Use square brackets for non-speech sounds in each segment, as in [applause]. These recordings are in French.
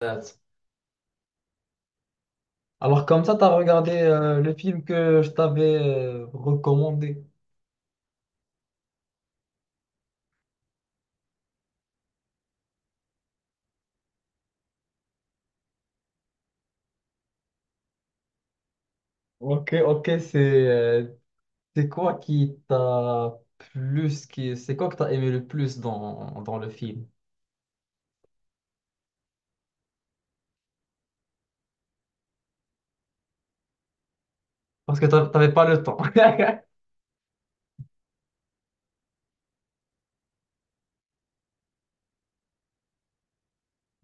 Alors comme ça, t'as regardé le film que je t'avais recommandé. Ok, ok, c'est quoi qui t'a plus, qui, c'est quoi que t'as aimé le plus dans le film? Parce que t'avais pas le temps. [laughs]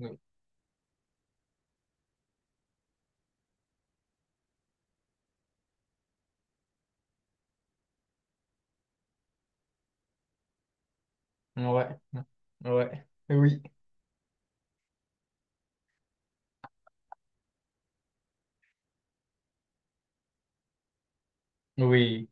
Oui. Ouais, ouais, oui, oui.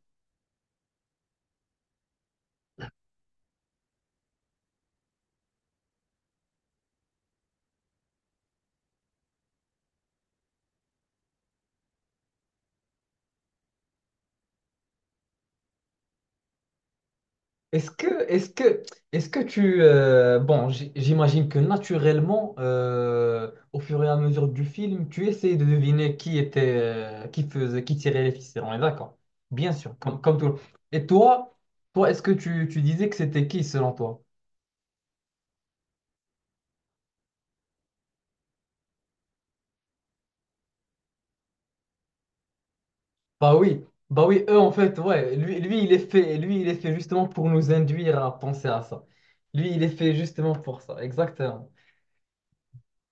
Est-ce que, est-ce que, Est-ce que tu... bon, j'imagine que naturellement, au fur et à mesure du film, tu essayes de deviner qui était, qui faisait, qui tirait les ficelles. On est d'accord. Bien sûr, comme tout le monde. Et toi, toi, est-ce que tu disais que c'était qui selon toi? Bah oui, bah oui, eux en fait, ouais. Lui, il est fait, lui, il est fait justement pour nous induire à penser à ça. Lui, il est fait justement pour ça. Exactement.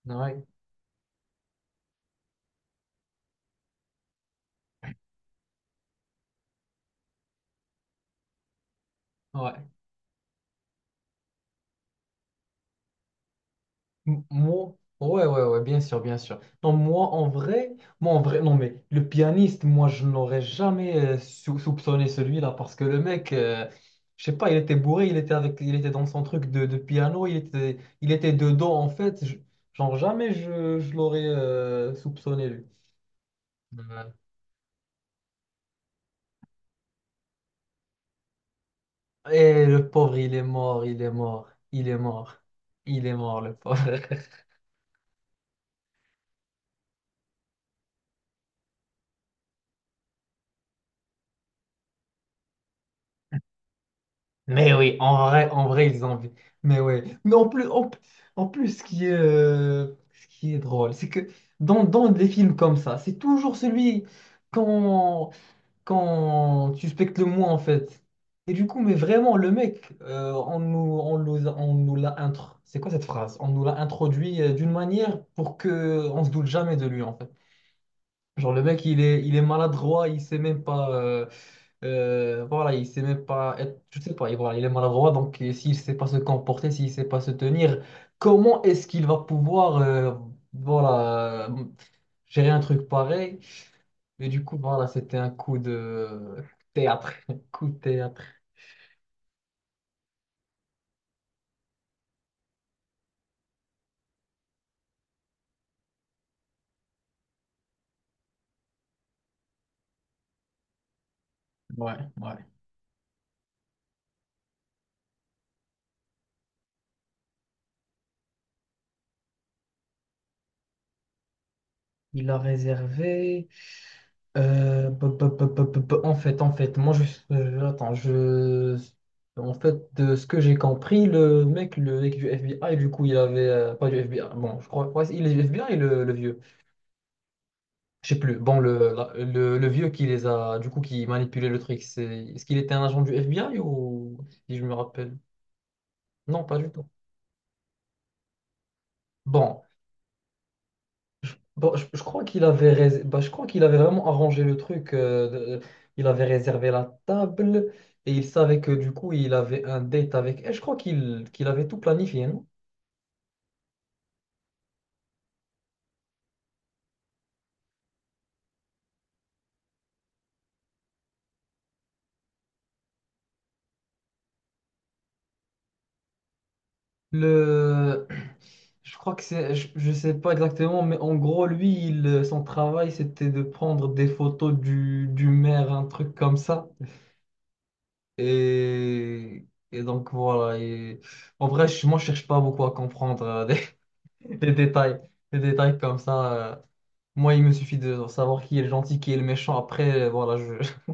Ouais, ouais. Moi, ouais, ouais, ouais, bien sûr, bien sûr. Non, moi, en vrai, non, mais le pianiste, moi, je n'aurais jamais soupçonné celui-là parce que le mec, je sais pas, il était bourré, il était avec, il était dans son truc de piano, il était dedans, en fait. Genre, jamais je l'aurais soupçonné, lui. Ouais. Et le pauvre, il est mort, il est mort, il est mort, il est mort, le pauvre. Mais oui, en vrai, ils ont... Mais ouais. Mais en plus, ce qui est drôle, c'est que dans des films comme ça, c'est toujours celui quand quand tu suspectes le moins, en fait. Et du coup, mais vraiment, le mec, on nous l'a intro... C'est quoi cette phrase? On nous l'a introduit d'une manière pour que on se doute jamais de lui, en fait. Genre le mec, il est maladroit, il sait même pas. Voilà, il sait même pas être. Je sais pas, il, voilà, il est maladroit, donc et s'il sait pas se comporter, s'il sait pas se tenir, comment est-ce qu'il va pouvoir voilà, gérer un truc pareil? Mais du coup, voilà, c'était un coup de théâtre. [laughs] Coup de théâtre. Ouais, ouais. Il a réservé. En fait, attends, je, en fait, de ce que j'ai compris, le mec du FBI, du coup, il avait, pas du FBI, bon, je crois, ouais, il est du FBI, le vieux, je sais plus, bon, le vieux qui les a, du coup, qui manipulait le truc, c'est, est-ce qu'il était un agent du FBI ou, si je me rappelle? Non, pas du tout. Bon, bon, je crois qu'il avait, bah, je crois qu'il avait vraiment arrangé le truc, il avait réservé la table et il savait que du coup, il avait un date avec. Et je crois qu'il avait tout planifié, non? Le... [clears throat] Je crois que c'est. Je sais pas exactement, mais en gros, lui, il, son travail, c'était de prendre des photos du maire, un truc comme ça. Et, et donc, voilà. Et, en vrai, je, moi, je cherche pas beaucoup à comprendre [laughs] des, des détails, des détails comme ça. Moi, il me suffit de savoir qui est le gentil, qui est le méchant. Après, voilà, je. [laughs]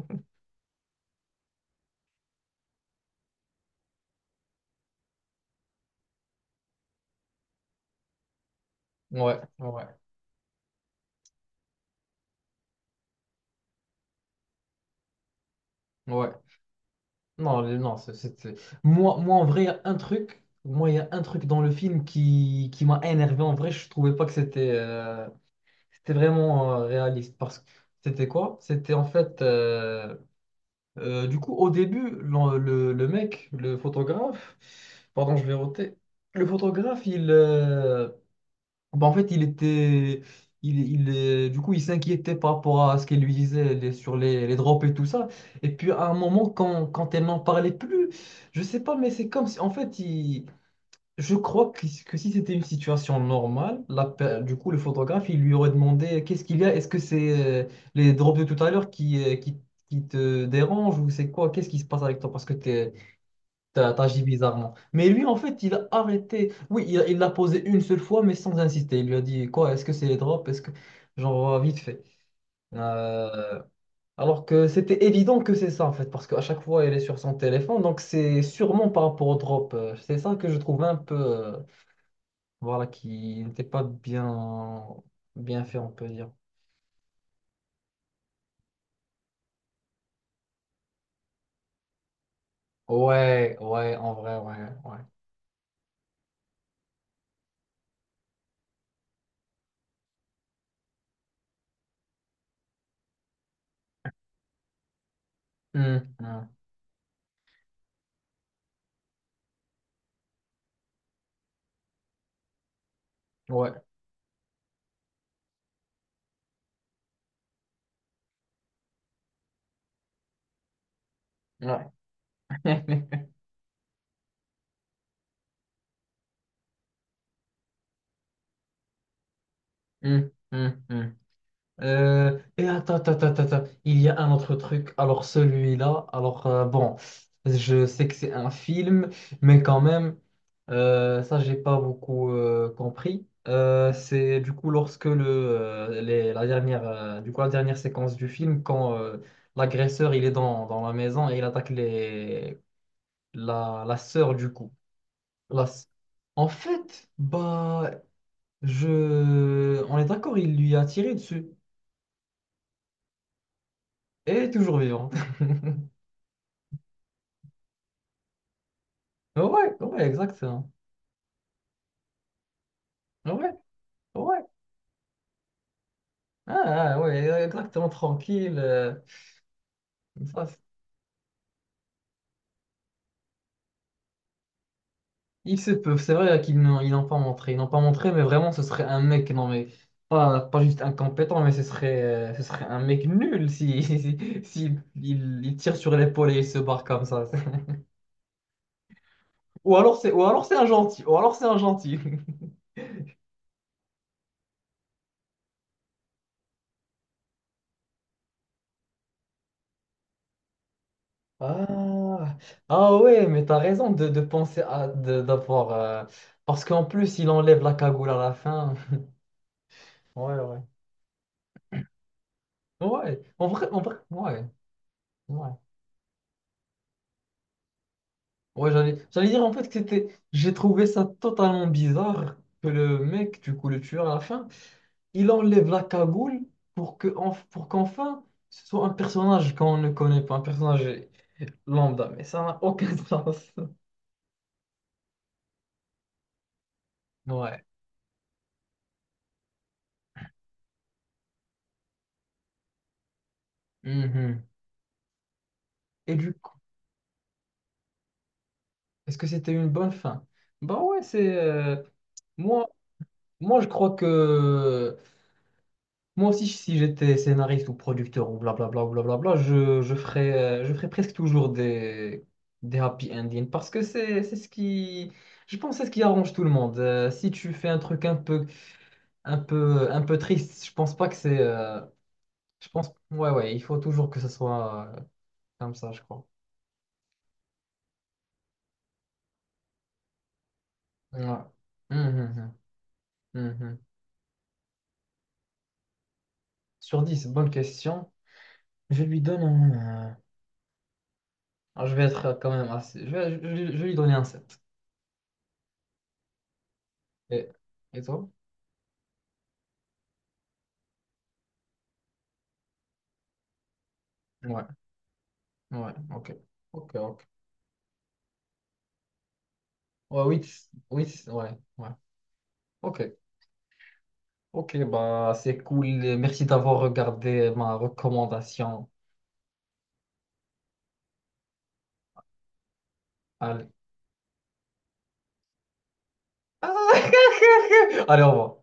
Ouais, ouais, ouais. Non, non, moi, moi, en vrai, il y a un truc. Moi, il y a un truc dans le film qui m'a énervé. En vrai, je trouvais pas que c'était vraiment réaliste. Parce que c'était quoi? C'était en fait. Du coup, au début, le mec, le photographe. Pardon, je vais roter. Le photographe, il. Bah, en fait, il était. Il, il, Du coup, il s'inquiétait par rapport à ce qu'elle lui disait sur les drops et tout ça. Et puis, à un moment, quand elle n'en parlait plus, je sais pas, mais c'est comme si. En fait, il, je crois que si c'était une situation normale, du coup, le photographe, il lui aurait demandé qu'est-ce qu'il y a? Est-ce que c'est les drops de tout à l'heure qui te dérangent ou c'est quoi? Qu'est-ce qui se passe avec toi? Parce que t'agis bizarrement. Mais lui, en fait, il a arrêté. Oui, il l'a posé une seule fois, mais sans insister. Il lui a dit, quoi, est-ce que c'est les drops? Est-ce que... Genre, vite fait. Euh, Alors que c'était évident que c'est ça, en fait, parce qu'à chaque fois, elle est sur son téléphone. Donc, c'est sûrement par rapport aux drops. C'est ça que je trouve un peu... Voilà, qui n'était pas bien... bien fait, on peut dire. Ouais, ouais, en vrai, ouais, ouais. Hum, hum, ouais, ouais. [laughs] Hum. Et attends, attends, attends, attends, il y a un autre truc. Alors celui-là, bon, je sais que c'est un film, mais quand même, ça j'ai pas beaucoup compris. C'est du coup lorsque la dernière, du coup la dernière séquence du film, quand l'agresseur il est dans la maison et il attaque la sœur du coup. La s- En fait, bah je, on est d'accord, il lui a tiré dessus. Et elle est toujours vivante. Ouais, ouais, exactement. Ouais, ouais. Ah, ah, ouais, exactement, tranquille. Comme ça. Ils se peuvent, c'est vrai qu'ils n'ont ils n'ont pas montré. Ils n'ont pas montré, mais vraiment, ce serait un mec, non, mais pas, pas juste incompétent, mais ce serait un mec nul si, [laughs] si, si il tire sur l'épaule et il se barre comme ça. [laughs] Ou alors c'est un gentil. Ou alors c'est un gentil. [laughs] Ah, ah ouais, mais t'as raison de penser à d'avoir. Parce qu'en plus, il enlève la cagoule à la fin. [laughs] Ouais, ouais. Ouais, en vrai, ouais, ouais. Ouais, j'allais, j'allais dire en fait que c'était, j'ai trouvé ça totalement bizarre que le mec, du coup, le tueur à la fin, il enlève la cagoule pour que, en pour qu'enfin, ce soit un personnage qu'on ne connaît pas, un personnage lambda, mais ça n'a aucun [laughs] sens. Ouais. Mhm. Et du coup, est-ce que c'était une bonne fin? Bah ouais, moi, moi, je crois que moi aussi, si j'étais scénariste ou producteur ou blablabla, je ferais presque toujours des happy endings parce que c'est ce qui, je pense, que c'est ce qui arrange tout le monde. Si tu fais un truc un peu triste, je pense pas que je pense, ouais, ouais, il faut toujours que ce soit comme ça, je crois. Ouais. Mhm, mhm, mhm. Sur 10 bonne question. Je lui donne je vais être quand même assez, je vais lui donner un 7. Et, et toi? Ouais. Ouais, ok. Ok, ok. Ouais, oui, oui, ouais, ouais. Ok. Ok, bah c'est cool. Merci d'avoir regardé ma recommandation. Allez. [laughs] Allez, au revoir.